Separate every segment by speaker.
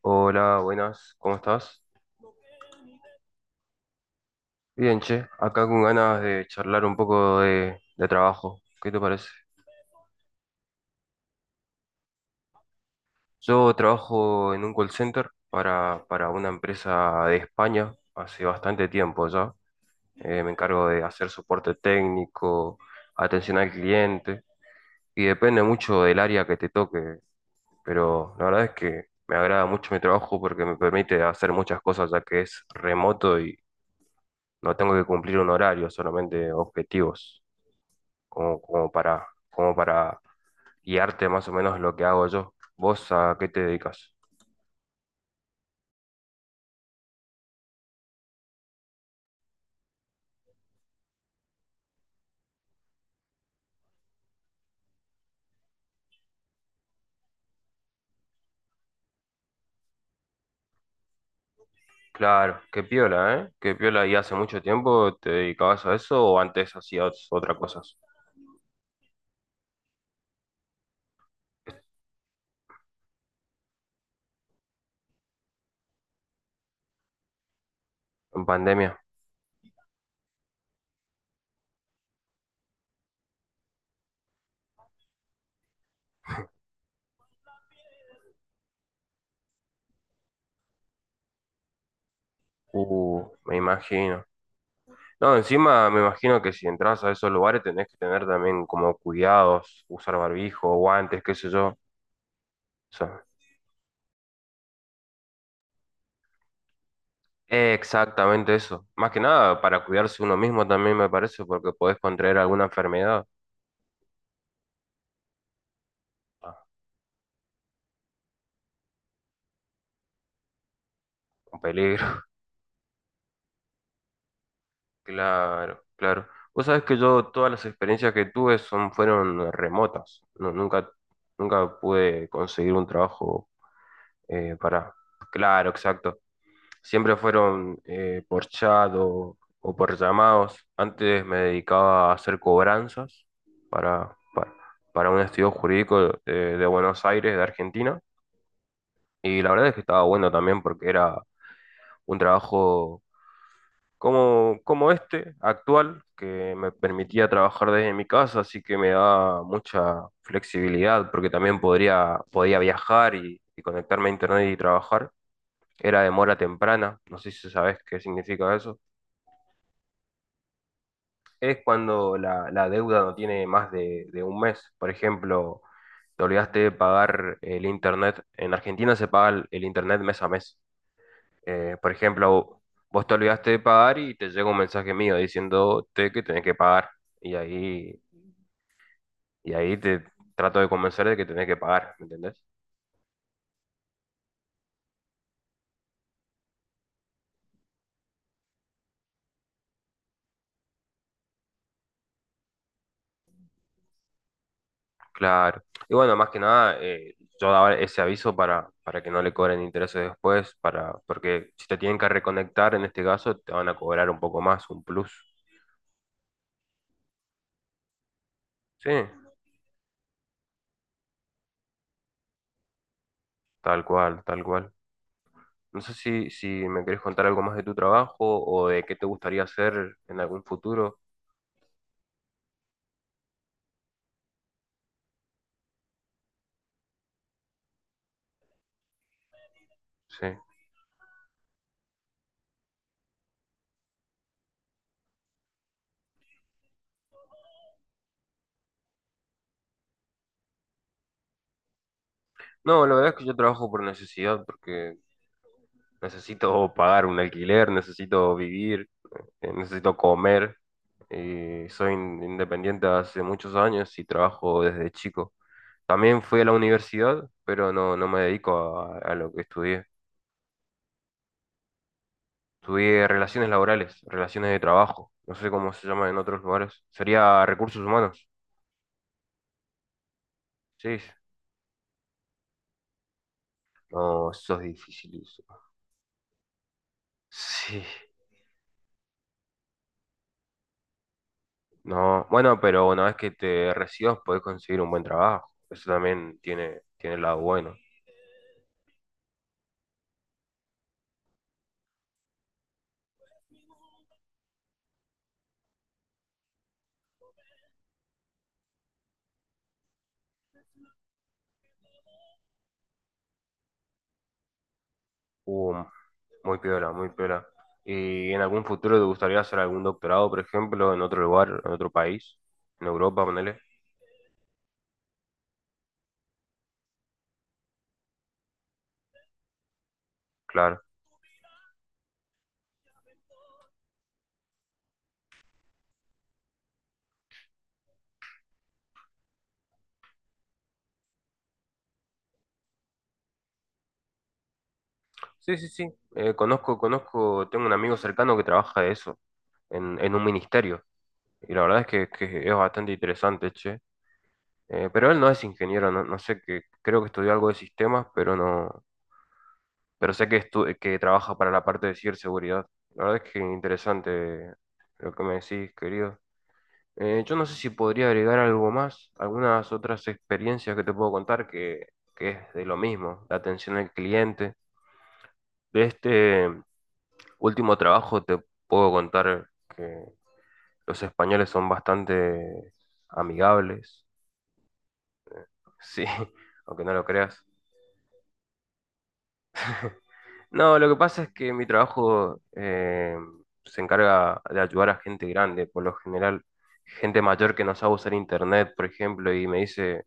Speaker 1: Hola, buenas, ¿cómo estás? Bien, che, acá con ganas de charlar un poco de trabajo. ¿Qué te parece? Yo trabajo en un call center para una empresa de España hace bastante tiempo ya. Me encargo de hacer soporte técnico, atención al cliente, y depende mucho del área que te toque, pero la verdad es que me agrada mucho mi trabajo porque me permite hacer muchas cosas ya que es remoto y no tengo que cumplir un horario, solamente objetivos. Como para guiarte más o menos lo que hago yo. ¿Vos a qué te dedicas? Claro, qué piola, ¿eh? Qué piola. ¿Y hace mucho tiempo te dedicabas a eso o antes hacías otra cosas? En pandemia. Me imagino. No, encima me imagino que si entras a esos lugares tenés que tener también como cuidados, usar barbijo, guantes, qué sé yo. O sea, exactamente eso. Más que nada para cuidarse uno mismo también me parece, porque podés contraer alguna enfermedad. Ah, un peligro. Claro, claro. Vos sabés que yo todas las experiencias que tuve son, fueron remotas. Nunca pude conseguir un trabajo para... Claro, exacto. Siempre fueron por chat o por llamados. Antes me dedicaba a hacer cobranzas para, para, para un estudio jurídico de Buenos Aires, de Argentina. Y la verdad es que estaba bueno también porque era un trabajo como, como este actual, que me permitía trabajar desde mi casa, así que me da mucha flexibilidad, porque también podía viajar y conectarme a internet y trabajar. Era de mora temprana, no sé si sabes qué significa eso. Es cuando la deuda no tiene más de un mes. Por ejemplo, te olvidaste de pagar el internet. En Argentina se paga el internet mes a mes. Por ejemplo, vos te olvidaste de pagar y te llega un mensaje mío diciéndote que tenés que pagar. Y ahí, y ahí te trato de convencer de que tenés que pagar, ¿me entendés? Claro. Y bueno, más que nada, yo daba ese aviso para que no le cobren intereses después, para, porque si te tienen que reconectar en este caso, te van a cobrar un poco más, un plus. Sí, tal cual, tal cual. No sé si me querés contar algo más de tu trabajo o de qué te gustaría hacer en algún futuro. Sí. No, la verdad es que yo trabajo por necesidad, porque necesito pagar un alquiler, necesito vivir, necesito comer. Y soy independiente hace muchos años y trabajo desde chico. También fui a la universidad, pero no me dedico a lo que estudié. Estudié relaciones laborales, relaciones de trabajo. No sé cómo se llama en otros lugares. Sería recursos humanos. Sí, sí. No, eso es difícil. Sí. No, bueno, pero una vez que te recibas podés conseguir un buen trabajo. Eso también tiene, tiene el lado bueno. Uh, muy piola, muy piola. ¿Y en algún futuro te gustaría hacer algún doctorado, por ejemplo, en otro lugar, en otro país? En Europa, ponele. Claro. Sí, sí, sí. Conozco, tengo un amigo cercano que trabaja de eso, en un ministerio. Y la verdad es que es bastante interesante, che. Pero él no es ingeniero, no, no sé qué, creo que estudió algo de sistemas, pero no, pero sé que, que trabaja para la parte de ciberseguridad. La verdad es que interesante lo que me decís, querido. Yo no sé si podría agregar algo más, algunas otras experiencias que te puedo contar que es de lo mismo, la atención al cliente. De este último trabajo te puedo contar que los españoles son bastante amigables, sí, aunque no lo creas. No, lo que pasa es que mi trabajo se encarga de ayudar a gente grande, por lo general gente mayor que no sabe usar internet, por ejemplo, y me dice,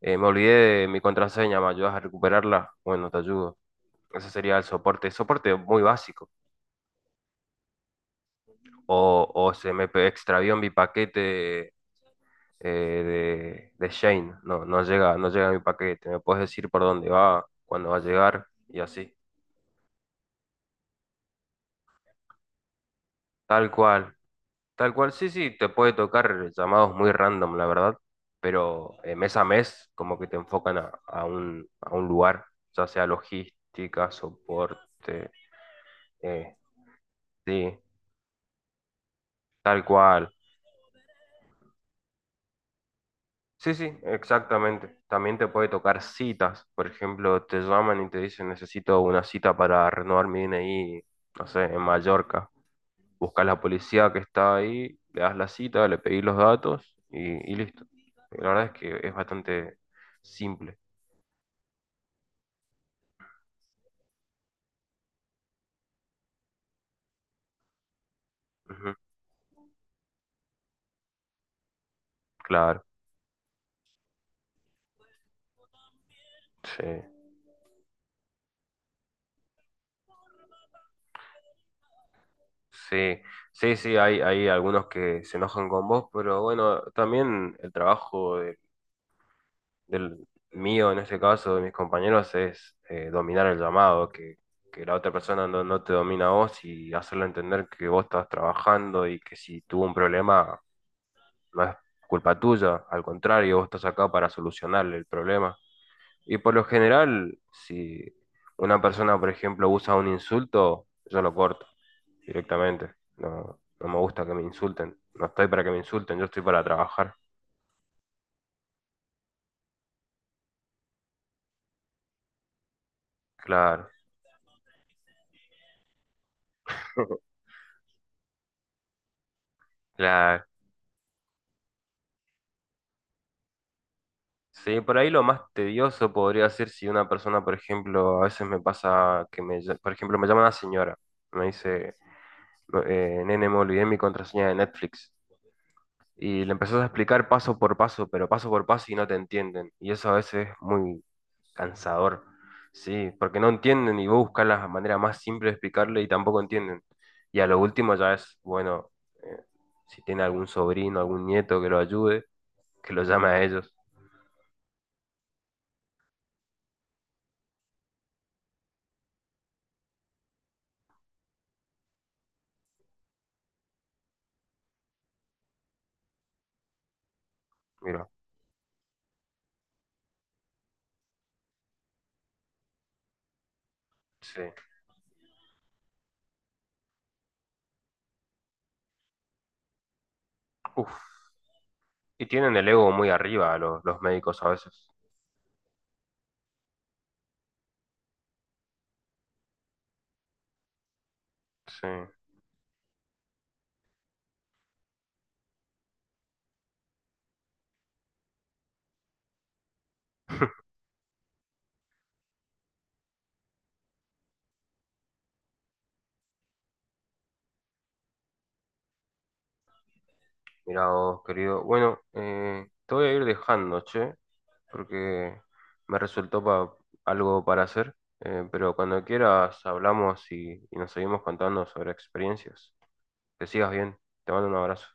Speaker 1: me olvidé de mi contraseña, ¿me ayudas a recuperarla? Bueno, te ayudo. Ese sería el soporte, soporte muy básico. O se me extravió mi paquete de Shane, no, no llega, no llega mi paquete, me puedes decir por dónde va, cuándo va a llegar y así. Tal cual. Tal cual, sí, sí, te puede tocar llamados muy random, la verdad, pero mes a mes como que te enfocan a un lugar, ya sea logística, soporte, eh, sí, tal cual. Sí, sí, exactamente. También te puede tocar citas, por ejemplo, te llaman y te dicen necesito una cita para renovar mi DNI, no sé, en Mallorca. Buscas la policía que está ahí, le das la cita, le pedís los datos y listo. La verdad es que es bastante simple. Ujú, claro, sí, sí, sí, sí, hay algunos que se enojan con vos, pero bueno, también el trabajo del mío, en este caso, de mis compañeros, es dominar el llamado, que la otra persona no, no te domina a vos y hacerle entender que vos estás trabajando y que si tuvo un problema no es culpa tuya, al contrario, vos estás acá para solucionarle el problema. Y por lo general, si una persona, por ejemplo, usa un insulto, yo lo corto directamente. No, no me gusta que me insulten. No estoy para que me insulten, yo estoy para trabajar. Claro, claro. Sí, por ahí lo más tedioso podría ser si una persona, por ejemplo, a veces me pasa que me, por ejemplo, me llama una señora, me dice, "No, nene, me olvidé mi contraseña de Netflix". Y le empezás a explicar paso por paso, pero paso por paso y no te entienden. Y eso a veces es muy... Cansador. Sí, porque no entienden y vos buscas la manera más simple de explicarle y tampoco entienden. Y a lo último ya es, bueno, eh, si tiene algún sobrino, algún nieto que lo ayude, que lo llame a ellos. Mira, sí. Uf. Y tienen el ego muy arriba los médicos a veces. Sí. Mira vos, querido. Bueno, te voy a ir dejando, che, porque me resultó algo para hacer. Pero cuando quieras hablamos y nos seguimos contando sobre experiencias. Que sigas bien. Te mando un abrazo.